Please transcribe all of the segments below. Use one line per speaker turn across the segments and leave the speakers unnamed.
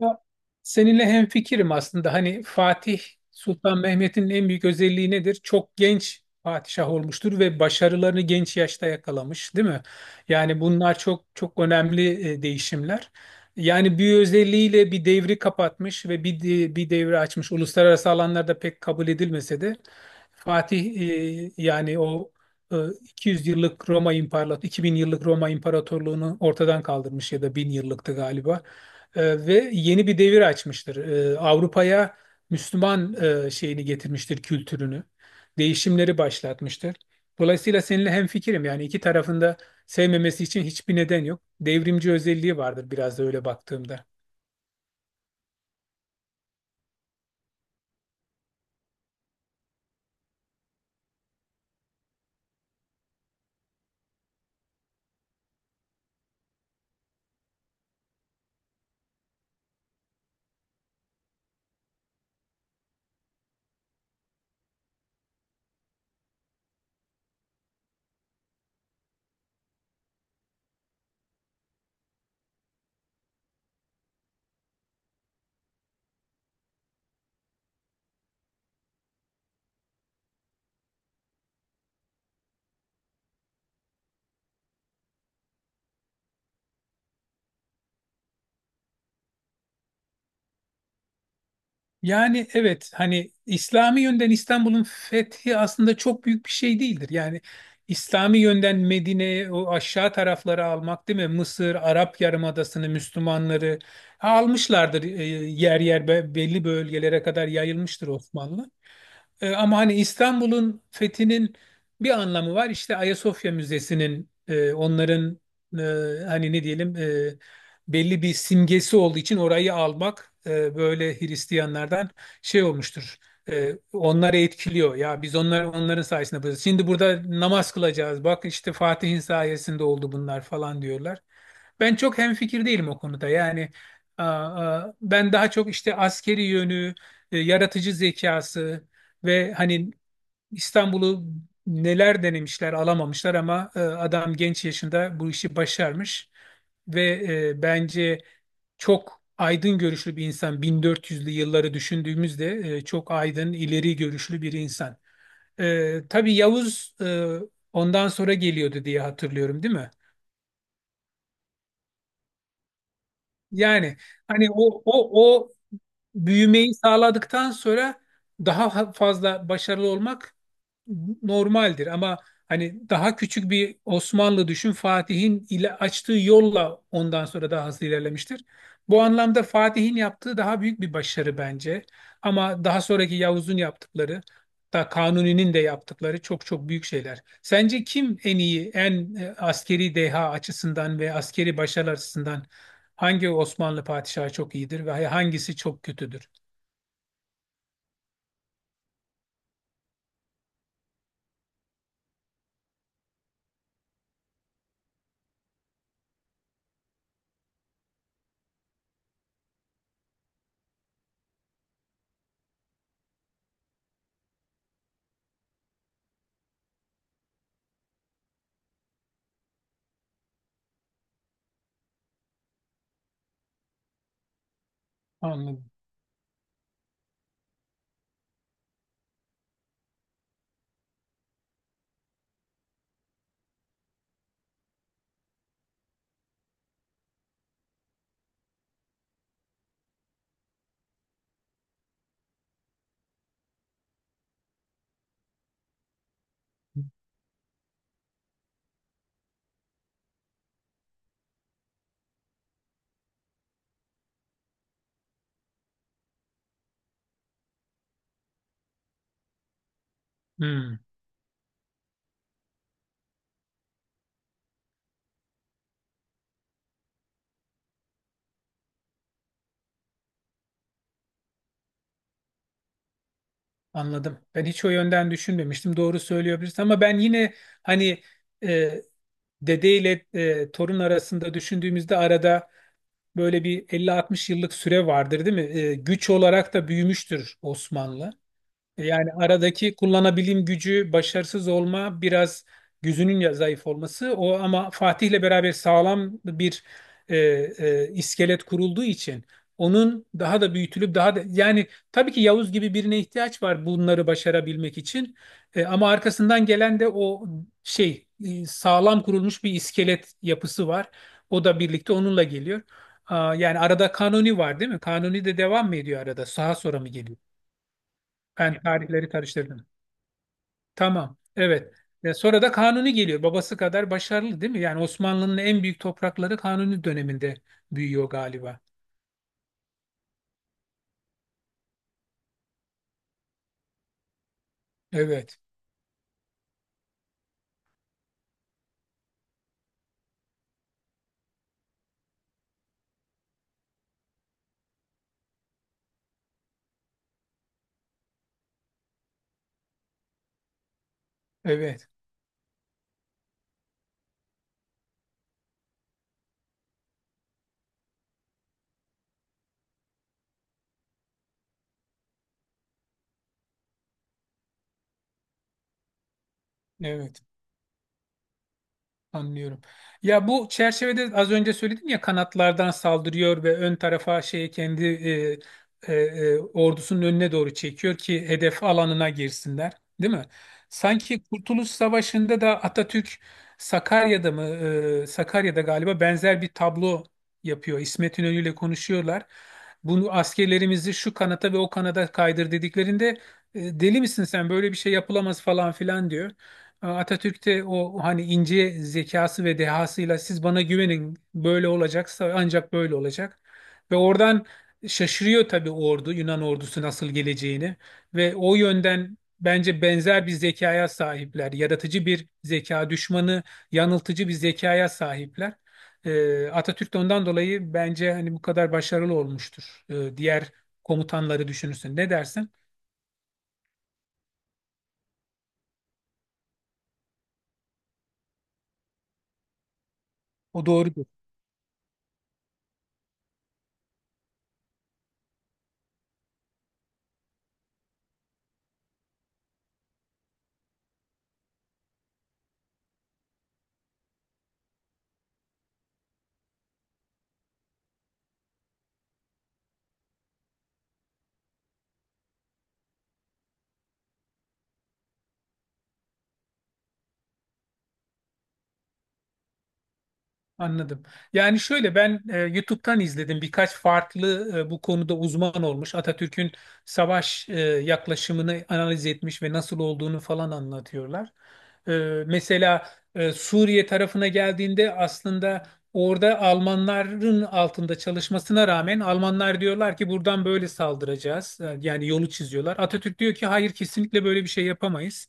Ya, seninle hemfikirim aslında. Hani Fatih Sultan Mehmet'in en büyük özelliği nedir? Çok genç padişah olmuştur ve başarılarını genç yaşta yakalamış, değil mi? Yani bunlar çok çok önemli değişimler. Yani bir özelliğiyle bir devri kapatmış ve bir devri açmış. Uluslararası alanlarda pek kabul edilmese de Fatih yani o e, 200 yıllık Roma İmparatorluğu, 2000 yıllık Roma İmparatorluğunu ortadan kaldırmış ya da 1000 yıllıktı galiba ve yeni bir devir açmıştır. Avrupa'ya Müslüman şeyini getirmiştir, kültürünü. Değişimleri başlatmıştır. Dolayısıyla seninle hemfikirim. Yani iki tarafında sevmemesi için hiçbir neden yok. Devrimci özelliği vardır biraz da öyle baktığımda. Yani evet hani İslami yönden İstanbul'un fethi aslında çok büyük bir şey değildir. Yani İslami yönden Medine'ye o aşağı tarafları almak değil mi? Mısır, Arap Yarımadası'nı, Müslümanları almışlardır, yer yer belli bölgelere kadar yayılmıştır Osmanlı. Ama hani İstanbul'un fethinin bir anlamı var. İşte Ayasofya Müzesi'nin onların e, hani ne diyelim belli bir simgesi olduğu için orayı almak böyle Hristiyanlardan şey olmuştur. Onları etkiliyor. Ya biz onların sayesinde buradayız. Şimdi burada namaz kılacağız. Bak işte Fatih'in sayesinde oldu bunlar falan diyorlar. Ben çok hemfikir değilim o konuda. Yani ben daha çok işte askeri yönü, yaratıcı zekası ve hani İstanbul'u neler denemişler alamamışlar ama adam genç yaşında bu işi başarmış. Ve bence çok aydın görüşlü bir insan. 1400'lü yılları düşündüğümüzde çok aydın, ileri görüşlü bir insan. Tabii Yavuz ondan sonra geliyordu diye hatırlıyorum, değil mi? Yani hani o büyümeyi sağladıktan sonra daha fazla başarılı olmak normaldir ama hani daha küçük bir Osmanlı düşün Fatih'in ile açtığı yolla ondan sonra daha hızlı ilerlemiştir. Bu anlamda Fatih'in yaptığı daha büyük bir başarı bence. Ama daha sonraki Yavuz'un yaptıkları da Kanuni'nin de yaptıkları çok çok büyük şeyler. Sence kim en iyi, en askeri deha açısından ve askeri başarı açısından hangi Osmanlı padişahı çok iyidir ve hangisi çok kötüdür? Anladım. Hmm. Anladım. Ben hiç o yönden düşünmemiştim. Doğru söylüyor birisi ama ben yine hani e, dede ile torun arasında düşündüğümüzde arada böyle bir 50-60 yıllık süre vardır, değil mi? Güç olarak da büyümüştür Osmanlı. Yani aradaki kullanabilim gücü, başarısız olma, biraz gözünün zayıf olması o ama Fatih'le beraber sağlam bir iskelet kurulduğu için onun daha da büyütülüp daha da yani tabii ki Yavuz gibi birine ihtiyaç var bunları başarabilmek için. Ama arkasından gelen de o şey sağlam kurulmuş bir iskelet yapısı var. O da birlikte onunla geliyor. Yani arada Kanuni var değil mi? Kanuni de devam mı ediyor arada? Sağa sonra mı geliyor? Ben tarihleri karıştırdım. Tamam. Evet. Ve sonra da Kanuni geliyor. Babası kadar başarılı değil mi? Yani Osmanlı'nın en büyük toprakları Kanuni döneminde büyüyor galiba. Evet. Evet. Evet. Anlıyorum. Ya bu çerçevede az önce söyledim ya kanatlardan saldırıyor ve ön tarafa şey kendi ordusunun önüne doğru çekiyor ki hedef alanına girsinler, değil mi? Sanki Kurtuluş Savaşı'nda da Atatürk Sakarya'da mı Sakarya'da galiba benzer bir tablo yapıyor. İsmet İnönü ile konuşuyorlar. Bunu askerlerimizi şu kanata ve o kanada kaydır dediklerinde deli misin sen böyle bir şey yapılamaz falan filan diyor. Atatürk'te o hani ince zekası ve dehasıyla siz bana güvenin böyle olacaksa ancak böyle olacak. Ve oradan şaşırıyor tabii ordu Yunan ordusu nasıl geleceğini ve o yönden bence benzer bir zekaya sahipler. Yaratıcı bir zeka, düşmanı yanıltıcı bir zekaya sahipler. Atatürk de ondan dolayı bence hani bu kadar başarılı olmuştur. Diğer komutanları düşünürsün. Ne dersin? O doğru. Anladım. Yani şöyle ben YouTube'dan izledim birkaç farklı bu konuda uzman olmuş. Atatürk'ün savaş yaklaşımını analiz etmiş ve nasıl olduğunu falan anlatıyorlar. E, mesela Suriye tarafına geldiğinde aslında orada Almanların altında çalışmasına rağmen Almanlar diyorlar ki buradan böyle saldıracağız. Yani yolu çiziyorlar. Atatürk diyor ki hayır kesinlikle böyle bir şey yapamayız.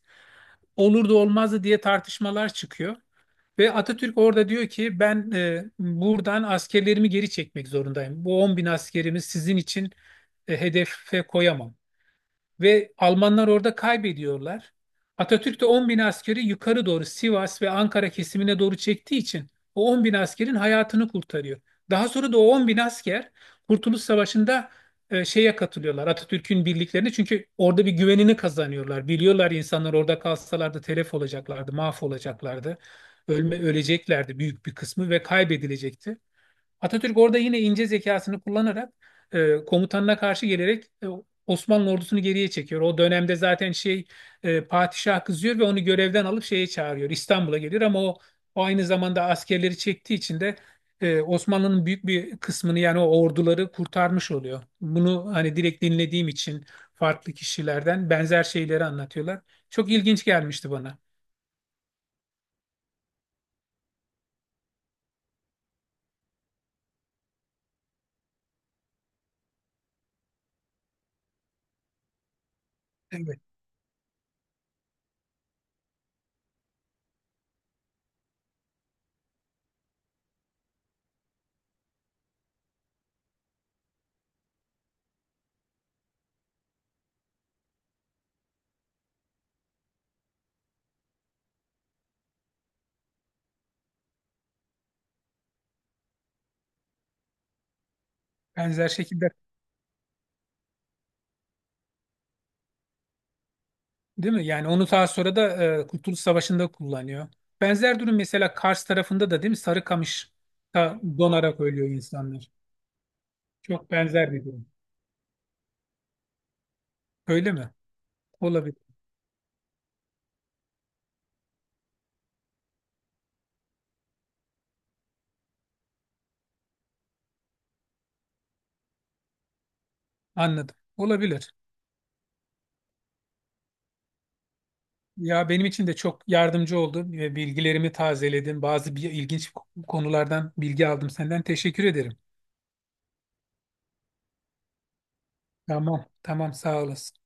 Olur da olmazdı diye tartışmalar çıkıyor. Ve Atatürk orada diyor ki ben buradan askerlerimi geri çekmek zorundayım. Bu 10 bin askerimi sizin için hedefe koyamam ve Almanlar orada kaybediyorlar. Atatürk de 10 bin askeri yukarı doğru Sivas ve Ankara kesimine doğru çektiği için o 10 bin askerin hayatını kurtarıyor. Daha sonra da o 10 bin asker Kurtuluş Savaşı'nda şeye katılıyorlar Atatürk'ün birliklerine çünkü orada bir güvenini kazanıyorlar. Biliyorlar insanlar orada kalsalardı telef olacaklardı, mahvolacaklardı, öleceklerdi büyük bir kısmı ve kaybedilecekti. Atatürk orada yine ince zekasını kullanarak komutanına karşı gelerek Osmanlı ordusunu geriye çekiyor. O dönemde zaten şey padişah kızıyor ve onu görevden alıp şeye çağırıyor. İstanbul'a geliyor ama o aynı zamanda askerleri çektiği için de Osmanlı'nın büyük bir kısmını yani o orduları kurtarmış oluyor. Bunu hani direkt dinlediğim için farklı kişilerden benzer şeyleri anlatıyorlar. Çok ilginç gelmişti bana. Evet. Benzer şekilde. Değil mi? Yani onu daha sonra da Kurtuluş Savaşı'nda kullanıyor. Benzer durum mesela Kars tarafında da değil mi? Sarıkamış'ta donarak ölüyor insanlar. Çok benzer bir durum. Öyle mi? Olabilir. Anladım. Olabilir. Ya benim için de çok yardımcı oldun ve bilgilerimi tazeledin. Bazı bir ilginç konulardan bilgi aldım senden. Teşekkür ederim. Tamam, tamam sağ olasın.